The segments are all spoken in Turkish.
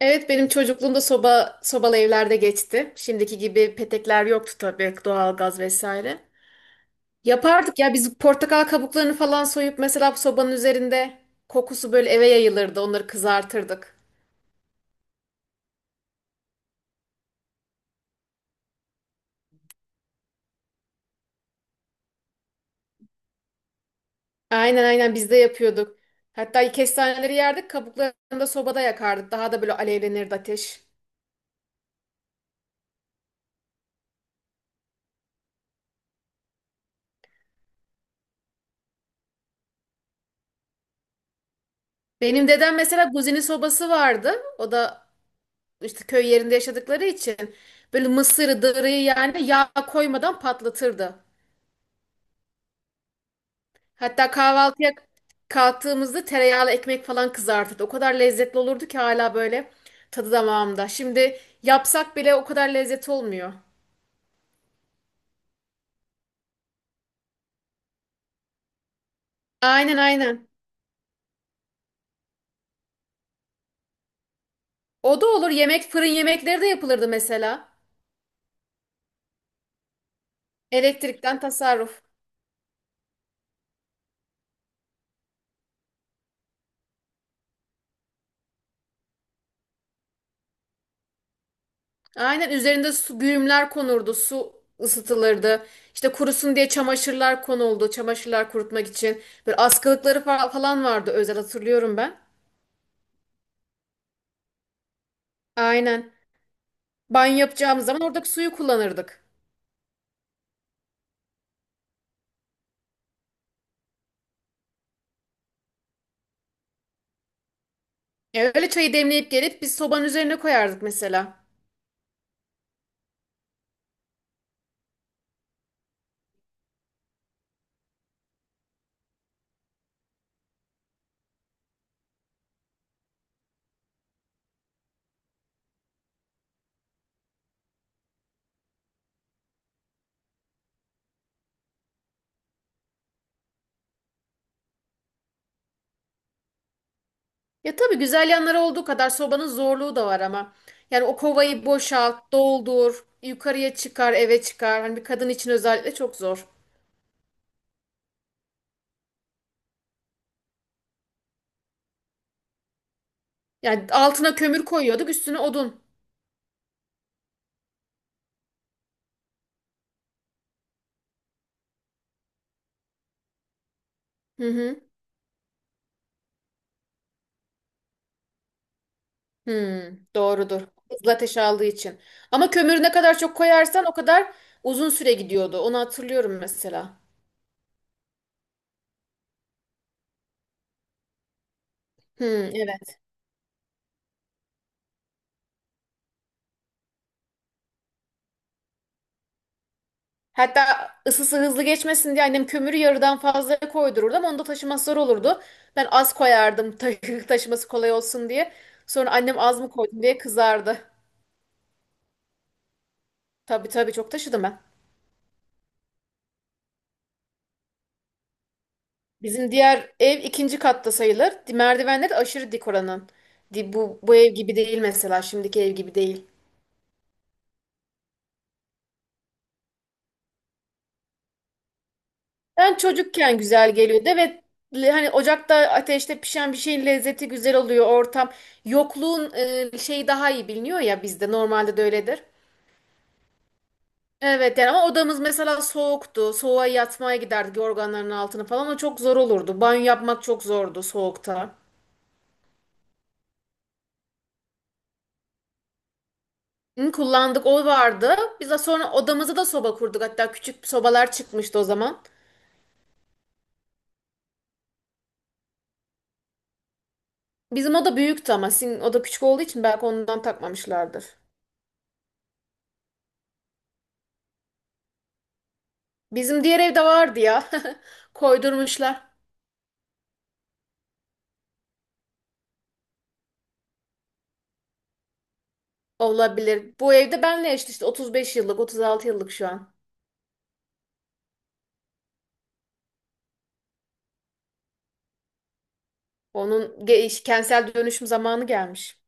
Evet benim çocukluğumda soba sobalı evlerde geçti. Şimdiki gibi petekler yoktu tabii, doğalgaz vesaire. Yapardık ya biz portakal kabuklarını falan soyup mesela, bu sobanın üzerinde kokusu böyle eve yayılırdı. Onları kızartırdık. Aynen aynen, biz de yapıyorduk. Hatta kestaneleri yerdik, kabuklarını da sobada yakardık. Daha da böyle alevlenirdi ateş. Benim dedem mesela guzini sobası vardı. O da işte köy yerinde yaşadıkları için böyle mısırı, dırıyı yani yağ koymadan patlatırdı. Hatta kahvaltıya kalktığımızda tereyağlı ekmek falan kızartırdı. O kadar lezzetli olurdu ki hala böyle tadı damağımda. Şimdi yapsak bile o kadar lezzet olmuyor. Aynen aynen. O da olur. Yemek, fırın yemekleri de yapılırdı mesela. Elektrikten tasarruf. Aynen, üzerinde su güğümler konurdu. Su ısıtılırdı. İşte kurusun diye çamaşırlar konuldu. Çamaşırlar kurutmak için. Böyle askılıkları falan vardı, özel hatırlıyorum ben. Aynen. Banyo yapacağımız zaman oradaki suyu kullanırdık. Öyle çayı demleyip gelip biz sobanın üzerine koyardık mesela. Ya tabii, güzel yanları olduğu kadar sobanın zorluğu da var ama. Yani o kovayı boşalt, doldur, yukarıya çıkar, eve çıkar. Hani bir kadın için özellikle çok zor. Yani altına kömür koyuyorduk, üstüne odun. Hı hı. Hı, doğrudur. Hızlı ateş aldığı için. Ama kömürü ne kadar çok koyarsan o kadar uzun süre gidiyordu. Onu hatırlıyorum mesela. Hı, evet. Hatta ısısı hızlı geçmesin diye annem kömürü yarıdan fazla koydururdu ama onu da taşıması zor olurdu. Ben az koyardım taşıması kolay olsun diye. Sonra annem az mı koydum diye kızardı. Tabii tabii, çok taşıdım ben. Bizim diğer ev ikinci katta sayılır. Merdivenleri de aşırı dik oranın. Bu ev gibi değil mesela, şimdiki ev gibi değil. Ben çocukken güzel geliyordu ve hani ocakta, ateşte pişen bir şeyin lezzeti güzel oluyor ortam. Yokluğun şeyi daha iyi biliniyor ya, bizde normalde de öyledir. Evet yani, ama odamız mesela soğuktu. Soğuğa yatmaya giderdik, yorganların altına falan. O çok zor olurdu. Banyo yapmak çok zordu soğukta. Hı, kullandık, o vardı. Biz de sonra odamızı da soba kurduk. Hatta küçük sobalar çıkmıştı o zaman. Bizim oda büyüktü ama sizin oda küçük olduğu için belki ondan takmamışlardır. Bizim diğer evde vardı ya. Koydurmuşlar. Olabilir. Bu evde benle eşit işte, 35 yıllık, 36 yıllık şu an. Onun kentsel dönüşüm zamanı gelmiş.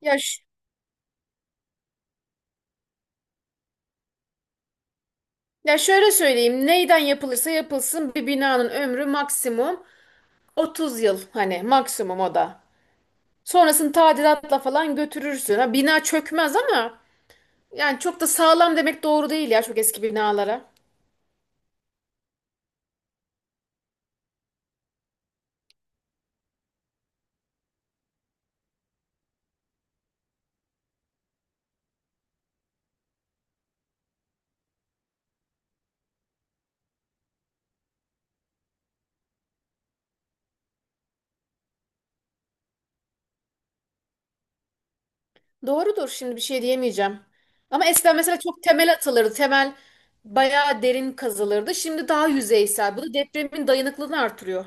Ya ş- Ya şöyle söyleyeyim, neyden yapılırsa yapılsın bir binanın ömrü maksimum 30 yıl, hani maksimum o da. Sonrasını tadilatla falan götürürsün. Ha, bina çökmez ama yani çok da sağlam demek doğru değil ya çok eski binalara. Doğrudur, şimdi bir şey diyemeyeceğim. Ama eskiden mesela çok temel atılırdı. Temel bayağı derin kazılırdı. Şimdi daha yüzeysel. Bu da depremin dayanıklılığını artırıyor.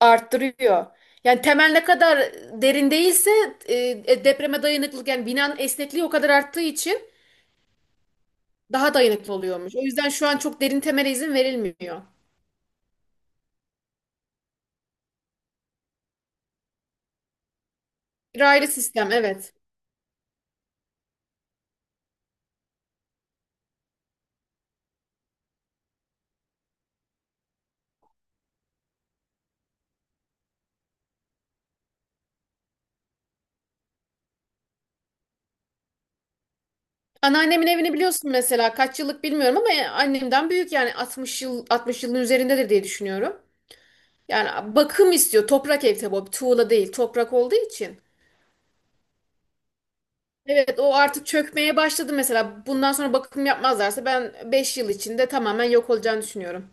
Arttırıyor. Yani temel ne kadar derin değilse e, depreme dayanıklılık, yani binanın esnekliği o kadar arttığı için daha dayanıklı oluyormuş. O yüzden şu an çok derin temele izin verilmiyor. Raylı sistem, evet. Anneannemin evini biliyorsun mesela, kaç yıllık bilmiyorum ama annemden büyük, yani 60 yıl, 60 yılın üzerindedir diye düşünüyorum. Yani bakım istiyor. Toprak ev tabii, o bir tuğla değil. Toprak olduğu için. Evet, o artık çökmeye başladı mesela. Bundan sonra bakım yapmazlarsa ben 5 yıl içinde tamamen yok olacağını düşünüyorum.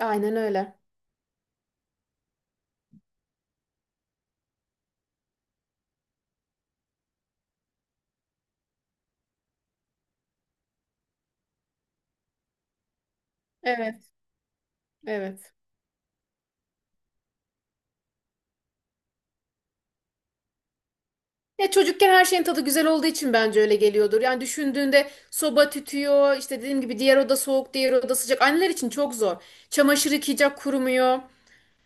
Aynen öyle. Evet, evet. Ya çocukken her şeyin tadı güzel olduğu için bence öyle geliyordur. Yani düşündüğünde soba tütüyor, işte dediğim gibi diğer oda soğuk, diğer oda sıcak. Anneler için çok zor. Çamaşır yıkayacak, kurumuyor.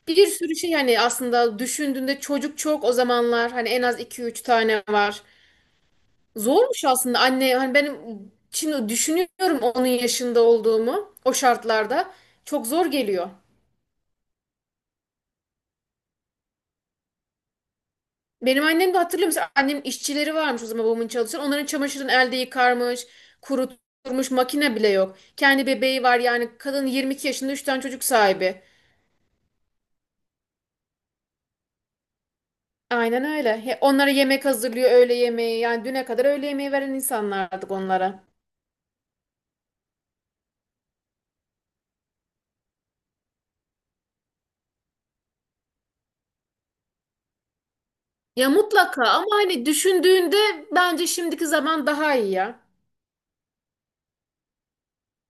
Bir sürü şey, hani aslında düşündüğünde çocuk çok o zamanlar, hani en az iki üç tane var. Zormuş aslında anne, hani benim şimdi düşünüyorum onun yaşında olduğumu, o şartlarda çok zor geliyor. Benim annem de, hatırlıyor musun? Annemin işçileri varmış o zaman, babamın çalışan. Onların çamaşırını elde yıkarmış, kurutmuş, makine bile yok. Kendi bebeği var, yani kadın 22 yaşında 3 tane çocuk sahibi. Aynen öyle. Onlara yemek hazırlıyor, öğle yemeği. Yani düne kadar öğle yemeği veren insanlardık onlara. Ya mutlaka, ama hani düşündüğünde bence şimdiki zaman daha iyi ya.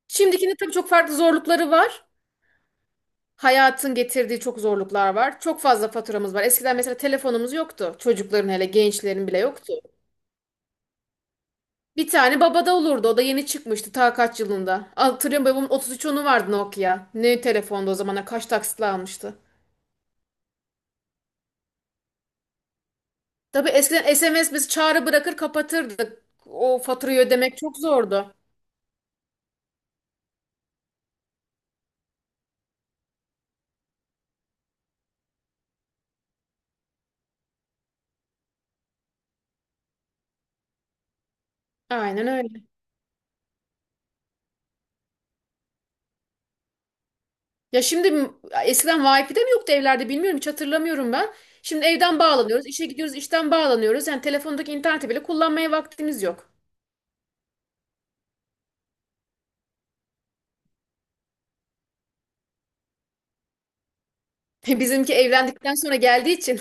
Şimdikinin tabii çok farklı zorlukları var. Hayatın getirdiği çok zorluklar var. Çok fazla faturamız var. Eskiden mesela telefonumuz yoktu. Çocukların, hele gençlerin bile yoktu. Bir tane babada olurdu. O da yeni çıkmıştı ta kaç yılında. Hatırlıyorum, babamın 33 onu vardı, Nokia. Ne telefondu o zamanlar, kaç taksitle almıştı. Tabii eskiden SMS, biz çağrı bırakır kapatırdık. O faturayı ödemek çok zordu. Aynen öyle. Ya şimdi m- Eskiden Wi-Fi de mi yoktu evlerde, bilmiyorum, hiç hatırlamıyorum ben. Şimdi evden bağlanıyoruz, işe gidiyoruz, işten bağlanıyoruz. Yani telefondaki interneti bile kullanmaya vaktimiz yok. Bizimki evlendikten sonra geldiği için.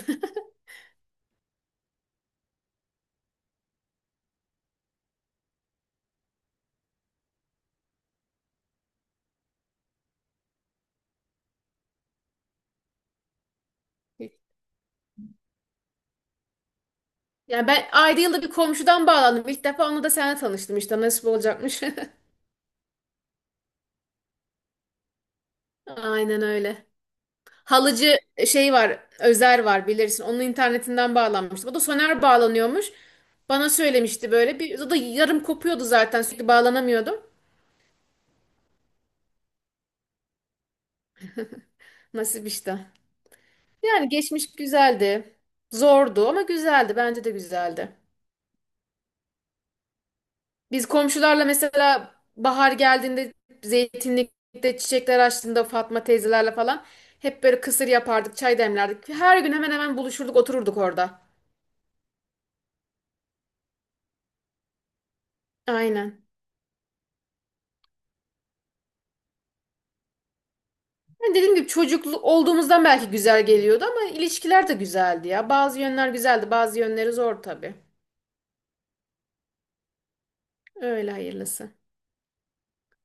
Yani ben ayda yılda bir komşudan bağlandım. İlk defa onunla da seninle tanıştım işte, nasip olacakmış. Aynen öyle. Halıcı şey var, Özer var, bilirsin. Onun internetinden bağlanmıştım. O da Soner bağlanıyormuş. Bana söylemişti böyle. Bir, o da yarım kopuyordu, zaten sürekli bağlanamıyordum. Nasip işte. Yani geçmiş güzeldi. Zordu ama güzeldi. Bence de güzeldi. Biz komşularla mesela bahar geldiğinde, zeytinlikte çiçekler açtığında Fatma teyzelerle falan hep böyle kısır yapardık, çay demlerdik. Her gün hemen hemen buluşurduk, otururduk orada. Aynen. Yani dediğim gibi çocuklu olduğumuzdan belki güzel geliyordu ama ilişkiler de güzeldi ya. Bazı yönler güzeldi, bazı yönleri zor tabii. Öyle hayırlısı.